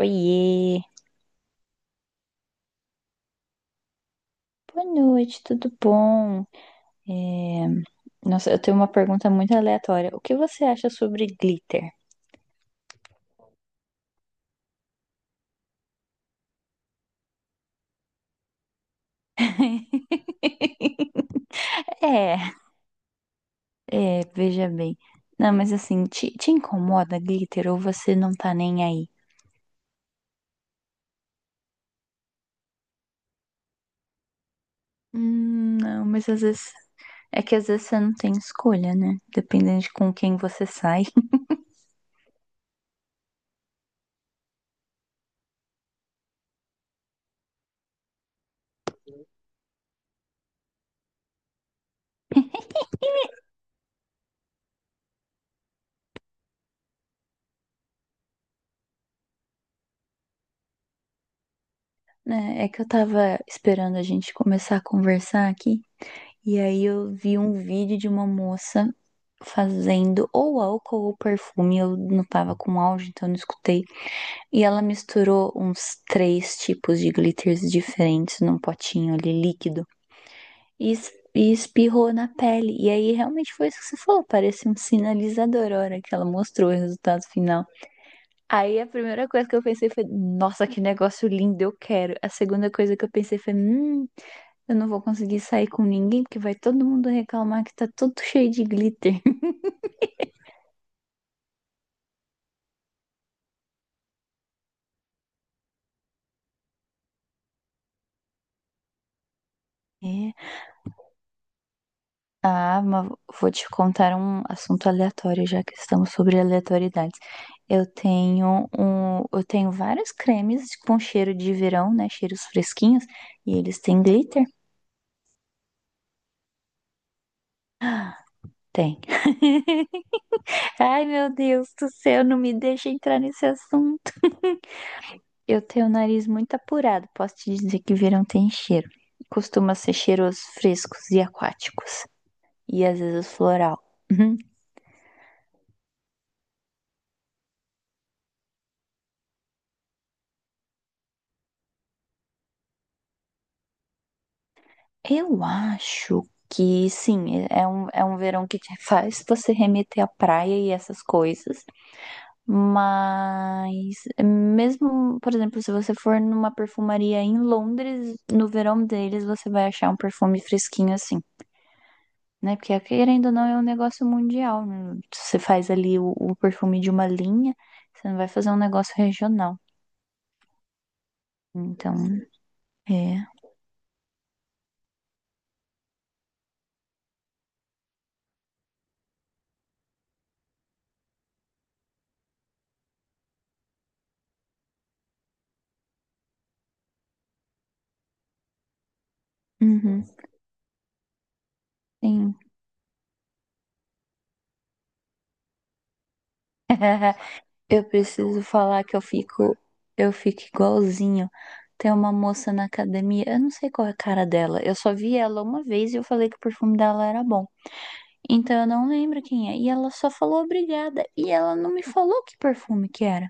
Oiê, boa noite, tudo bom? É, Nossa, eu tenho uma pergunta muito aleatória. O que você acha sobre glitter? É, veja bem. Não, mas assim, te incomoda glitter ou você não tá nem aí? Não, mas às vezes. É que às vezes você não tem escolha, né? Dependendo de com quem você sai. Né? É que eu tava esperando a gente começar a conversar aqui. E aí eu vi um vídeo de uma moça fazendo ou álcool ou perfume, eu não tava com áudio, então eu não escutei. E ela misturou uns três tipos de glitters diferentes num potinho ali líquido e espirrou na pele. E aí realmente foi isso que você falou, parecia um sinalizador a hora que ela mostrou o resultado final. Aí a primeira coisa que eu pensei foi, nossa, que negócio lindo, eu quero. A segunda coisa que eu pensei foi, eu não vou conseguir sair com ninguém, porque vai todo mundo reclamar que tá todo cheio de glitter. É. Ah, mas vou te contar um assunto aleatório, já que estamos sobre aleatoriedades. Eu tenho vários cremes com cheiro de verão, né? Cheiros fresquinhos, e eles têm glitter? Tem. Ai, meu Deus do céu, não me deixa entrar nesse assunto. Eu tenho o nariz muito apurado, posso te dizer que verão tem cheiro. Costuma ser cheiros frescos e aquáticos. E às vezes floral. Uhum. Eu acho que sim, é um verão que te faz você remeter à praia e essas coisas. Mas mesmo, por exemplo, se você for numa perfumaria em Londres, no verão deles você vai achar um perfume fresquinho assim, né? Porque querendo ou não é um negócio mundial. Né? Você faz ali o perfume de uma linha, você não vai fazer um negócio regional. Então, é. Uhum, sim. Eu preciso falar que eu fico igualzinho. Tem uma moça na academia, eu não sei qual é a cara dela. Eu só vi ela uma vez e eu falei que o perfume dela era bom. Então eu não lembro quem é. E ela só falou obrigada. E ela não me falou que perfume que era.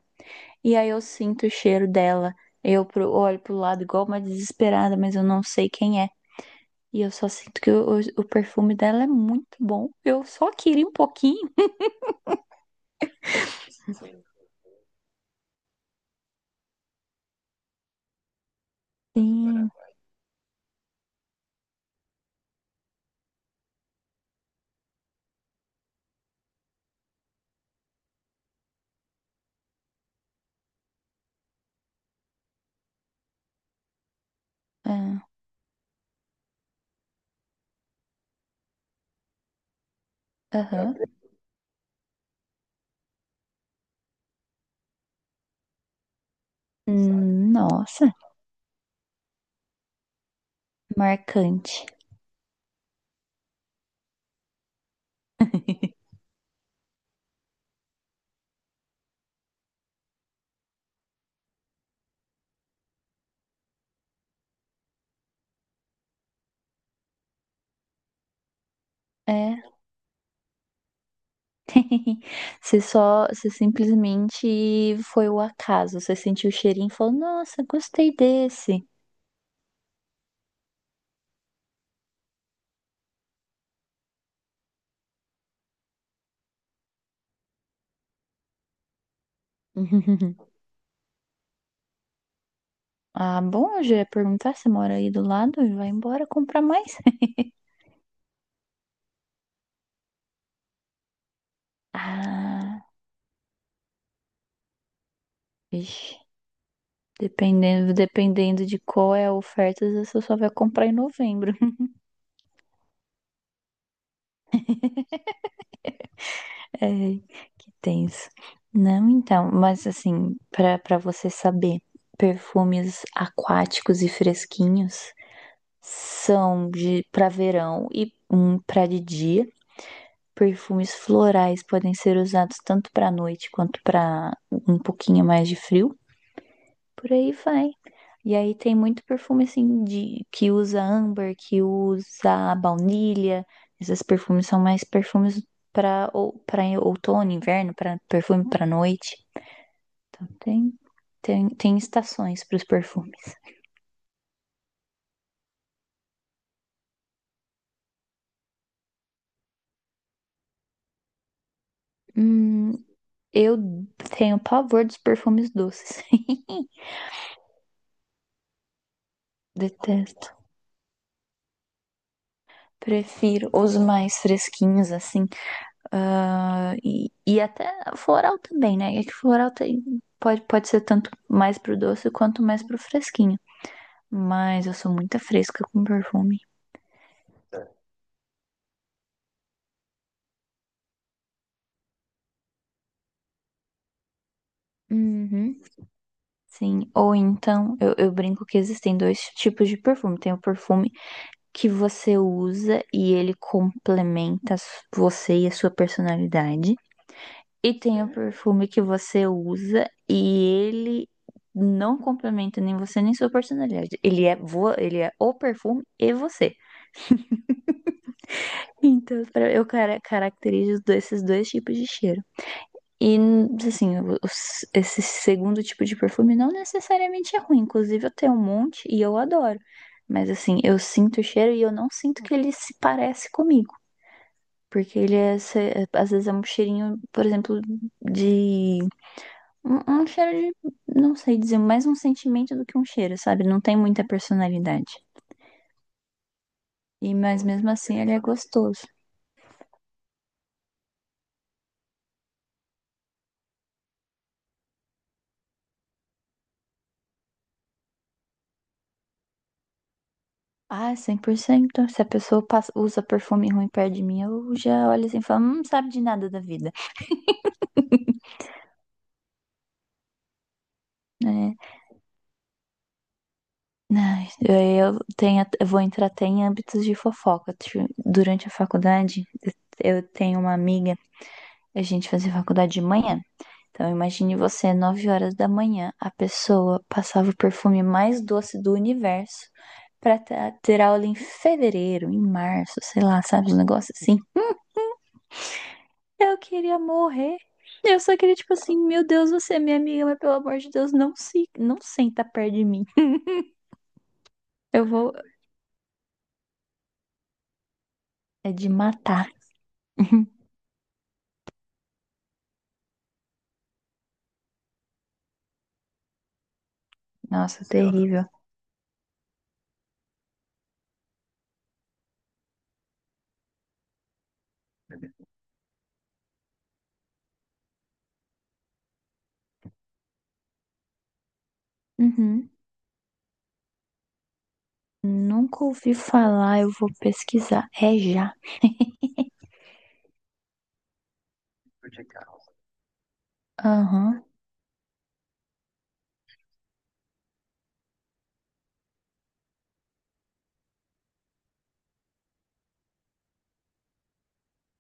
E aí eu sinto o cheiro dela. Olho pro lado igual uma desesperada, mas eu não sei quem é. E eu só sinto que o perfume dela é muito bom. Eu só queria um pouquinho. Sim. É. Aham. Nossa. Marcante. É. Você simplesmente foi o acaso. Você sentiu o cheirinho e falou: Nossa, gostei desse. Ah, bom, eu já ia perguntar se mora aí do lado e vai embora comprar mais. Ah, vixe. Dependendo de qual é a oferta, você só vai comprar em novembro. É, que tenso. Não, então, mas assim, pra para você saber, perfumes aquáticos e fresquinhos são de para verão e um para de dia. Perfumes florais podem ser usados tanto para noite quanto para um pouquinho mais de frio. Por aí vai. E aí tem muito perfume assim de que usa âmbar, que usa baunilha. Esses perfumes são mais perfumes para para outono, inverno, para perfume para noite. Então tem, tem estações para os perfumes. Hum, eu tenho pavor dos perfumes doces. Detesto. Prefiro os mais fresquinhos assim. Até floral também, né? É que floral tem, pode ser tanto mais pro doce quanto mais pro fresquinho. Mas eu sou muito fresca com perfume. Uhum. Sim, ou então eu brinco que existem dois tipos de perfume. Tem o perfume que você usa e ele complementa você e a sua personalidade. E tem o perfume que você usa e ele não complementa nem você nem sua personalidade. Ele é o perfume e você. Então, caracterizo esses dois tipos de cheiro. E, assim, esse segundo tipo de perfume não necessariamente é ruim. Inclusive, eu tenho um monte e eu adoro. Mas, assim, eu sinto o cheiro e eu não sinto que ele se parece comigo. Porque ele é, se- é, às vezes é um cheirinho, por exemplo, de um cheiro de, não sei dizer, mais um sentimento do que um cheiro, sabe? Não tem muita personalidade. E, mas mesmo assim ele é gostoso. Ah, é 100%. Se a pessoa usa perfume ruim perto de mim, eu já olho assim e falo, não sabe de nada da vida. Né? Ai, eu vou entrar até em âmbitos de fofoca. Durante a faculdade, eu tenho uma amiga, a gente fazia faculdade de manhã. Então, imagine você, 9 horas da manhã, a pessoa passava o perfume mais doce do universo pra ter aula em fevereiro, em março, sei lá, sabe? Um negócio assim. Eu queria morrer. Eu só queria, tipo assim, meu Deus, você é minha amiga, mas pelo amor de Deus, não senta perto de mim. Eu vou. É de matar. Nossa, terrível. Uhum. Nunca ouvi falar, eu vou pesquisar. É já. Aham.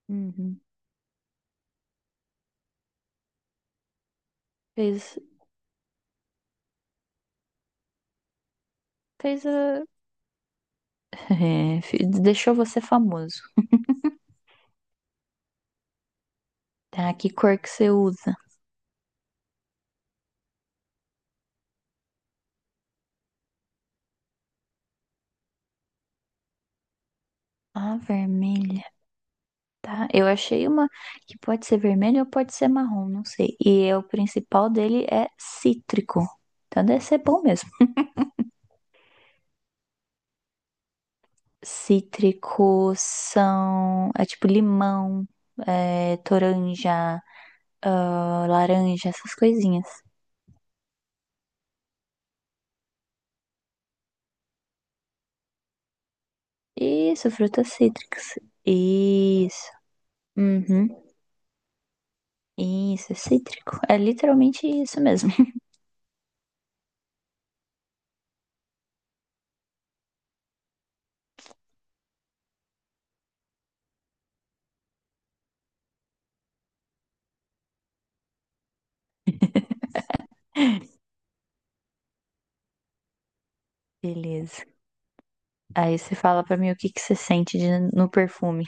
Uhum. Uhum. Fez, fez a É, deixou você famoso. Tá, que cor que você usa? Ah, vermelha. Tá, eu achei uma que pode ser vermelha ou pode ser marrom, não sei. E o principal dele é cítrico. Então deve ser bom mesmo. Cítrico são. É tipo limão, é, toranja, ah, laranja, essas coisinhas. Isso, frutas cítricas. Isso. Uhum. Isso, é cítrico. É literalmente isso mesmo. Beleza. Aí você fala pra mim o que que você sente no perfume.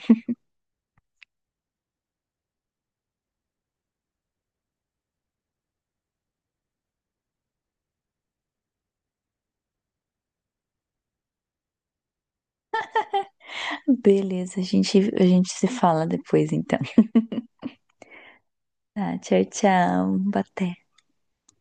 Beleza, a gente se fala depois então. Tá, tchau, tchau. Boa